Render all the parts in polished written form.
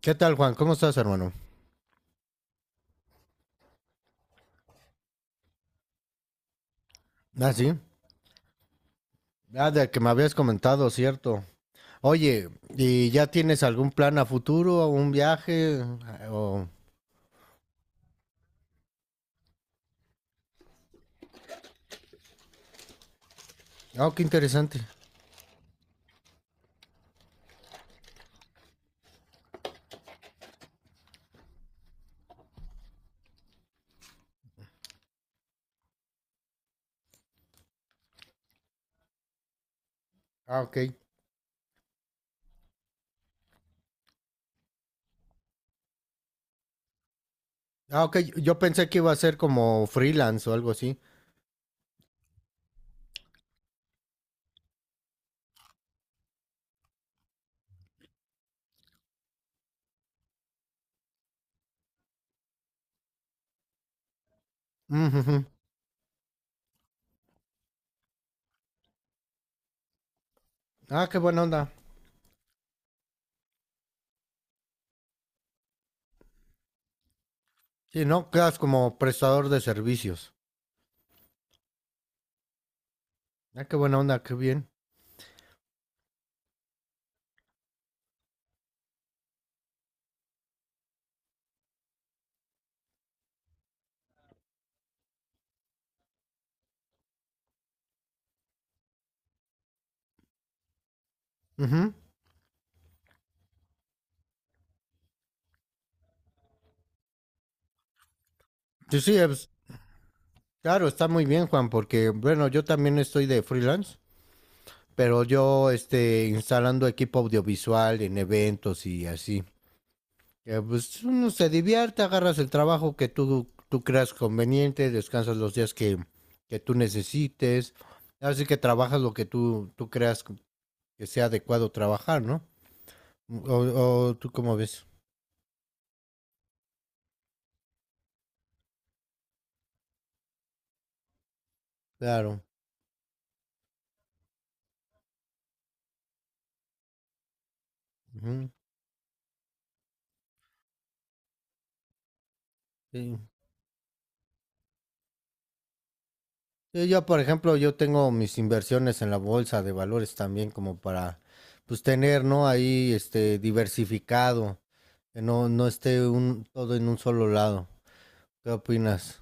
¿Qué tal, Juan? ¿Cómo estás, hermano? Ah, sí. Ah, de que me habías comentado, cierto. Oye, ¿y ya tienes algún plan a futuro, un viaje? O... Ah, qué interesante. Ah, ok. Ah, ok. Yo pensé que iba a ser como freelance o algo así. Mm, ujú. Ah, qué buena onda. Sí, no, quedas como prestador de servicios. Ah, qué buena onda, qué bien. Ujú. Sí, claro, está muy bien, Juan, porque, bueno, yo también estoy de freelance. Pero yo instalando equipo audiovisual en eventos y así. Pues uno se divierte, agarras el trabajo que tú creas conveniente, descansas los días que tú necesites, así que trabajas lo que tú creas que sea adecuado trabajar, ¿no? O tú cómo ves. Claro. Ujú. Sí. Sí, yo, por ejemplo, yo tengo mis inversiones en la bolsa de valores también como para, pues, tener, ¿no? Ahí, diversificado, que no esté un, todo en un solo lado. ¿Qué opinas?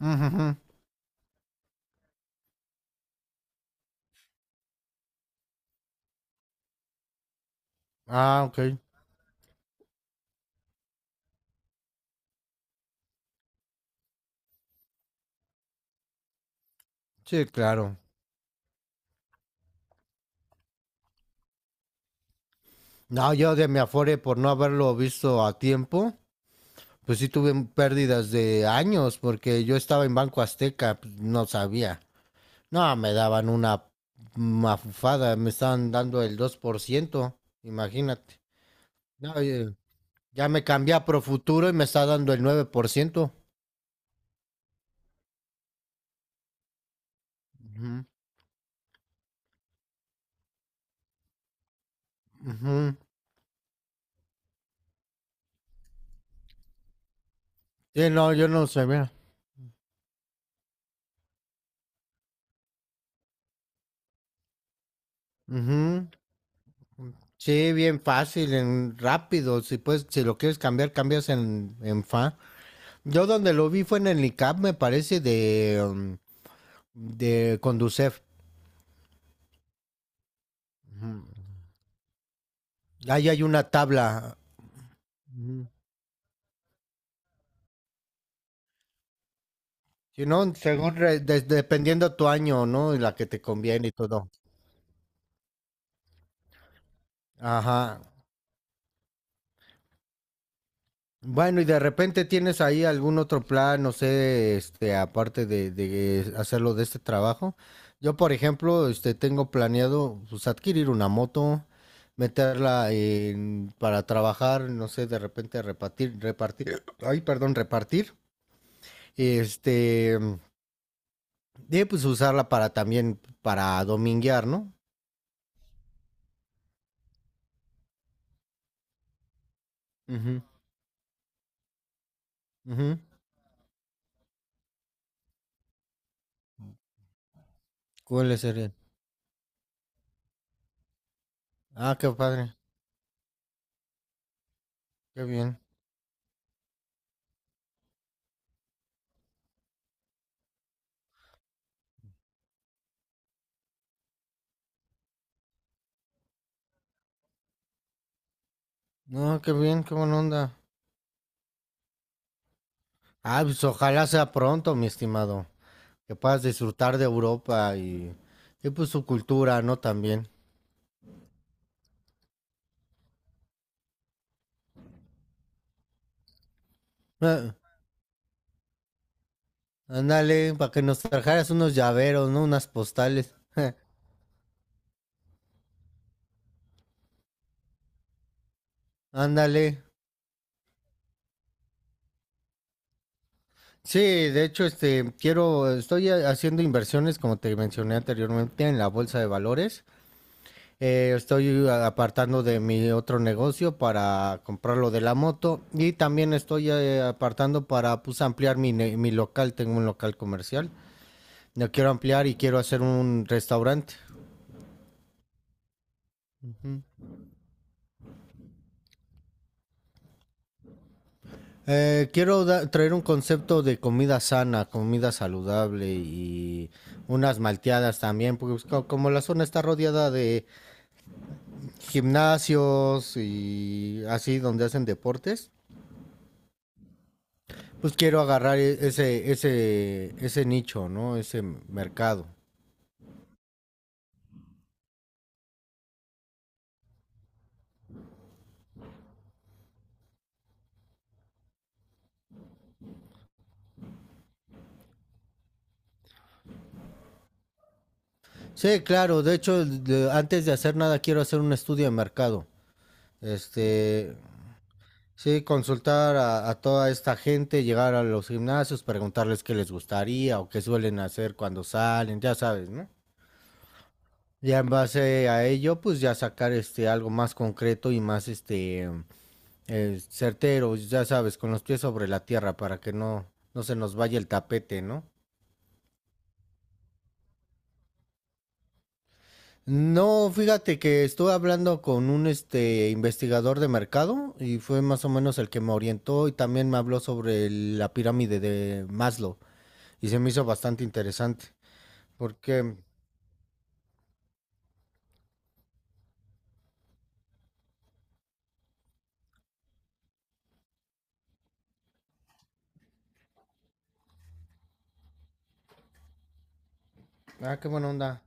Ujujú. Ah, ok. Sí, claro. No, yo de mi Afore, por no haberlo visto a tiempo, pues sí tuve pérdidas de años, porque yo estaba en Banco Azteca, pues, no sabía. No, me daban una mafufada, me estaban dando el 2%, imagínate. No, oye, ya me cambié a Profuturo y me está dando el 9%. Ujú, ujú. Sí, no, yo no sé, mira. Ujú. Sí, bien fácil, en rápido. Si puedes, si lo quieres cambiar, cambias en FA. Yo donde lo vi fue en el ICAP, me parece, de, de Conducef. Ujú. Ahí hay una tabla. Ujú. Si no, según dependiendo tu año, ¿no? Y la que te conviene y todo. Ajá. Bueno, y de repente tienes ahí algún otro plan, no sé, aparte de hacerlo de este trabajo. Yo, por ejemplo, tengo planeado pues, adquirir una moto, meterla para trabajar, no sé, de repente repartir, este, y pues usarla para también, para dominguear, ¿no? Ujú, ujú. ¿Cuáles serían? Ah, qué padre, qué bien. No, qué bien, qué buena onda. Ah, pues ojalá sea pronto, mi estimado. Que puedas disfrutar de Europa y pues su cultura, ¿no? También. Ah, ándale, para que nos trajeras unos llaveros, ¿no? Unas postales. Ándale. Sí, de hecho, quiero, haciendo inversiones, como te mencioné anteriormente, en la bolsa de valores. Estoy apartando de mi otro negocio para comprar lo de la moto y también estoy apartando para, pues, ampliar mi local. Tengo un local comercial. Lo quiero ampliar y quiero hacer un restaurante. Quiero traer un concepto de comida sana, comida saludable y unas malteadas también, porque pues, como la zona está rodeada de gimnasios y así donde hacen deportes, pues quiero agarrar ese nicho, ¿no? Ese mercado. Sí, claro, de hecho, antes de hacer nada quiero hacer un estudio de mercado. Este, Sí, consultar a toda esta gente, llegar a los gimnasios, preguntarles qué les gustaría o qué suelen hacer cuando salen, ya sabes, ¿no? Ya en base a ello, pues ya sacar algo más concreto y más certero, ya sabes, con los pies sobre la tierra para que no, no se nos vaya el tapete, ¿no? No, fíjate que estuve hablando con un investigador de mercado y fue más o menos el que me orientó y también me habló sobre la pirámide de Maslow. Y se me hizo bastante interesante. Porque, ah, qué buena onda.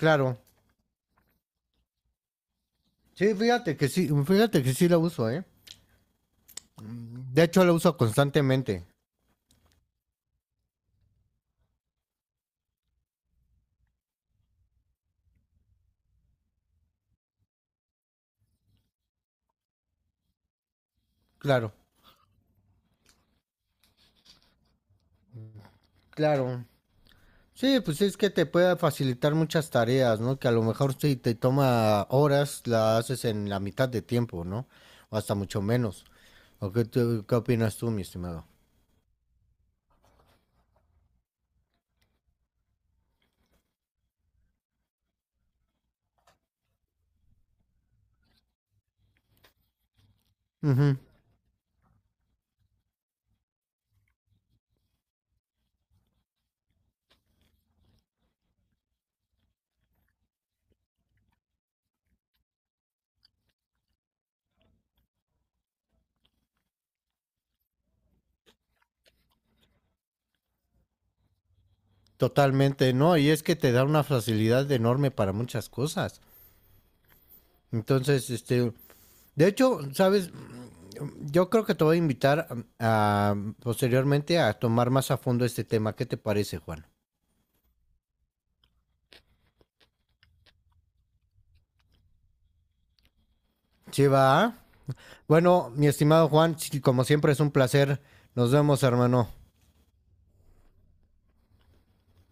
Claro. Sí, fíjate que sí, fíjate que sí la uso, ¿eh? De hecho, la uso constantemente. Claro, claro. Sí, pues es que te puede facilitar muchas tareas, ¿no? Que a lo mejor si te toma horas, la haces en la mitad de tiempo, ¿no? O hasta mucho menos. ¿O qué, qué opinas tú, mi estimado? Ujú, totalmente, ¿no? Y es que te da una facilidad enorme para muchas cosas. Entonces, de hecho, ¿sabes? Yo creo que te voy a invitar a, posteriormente a tomar más a fondo este tema. ¿Qué te parece, Juan? Sí, va. Bueno, mi estimado Juan, sí, como siempre es un placer. Nos vemos, hermano.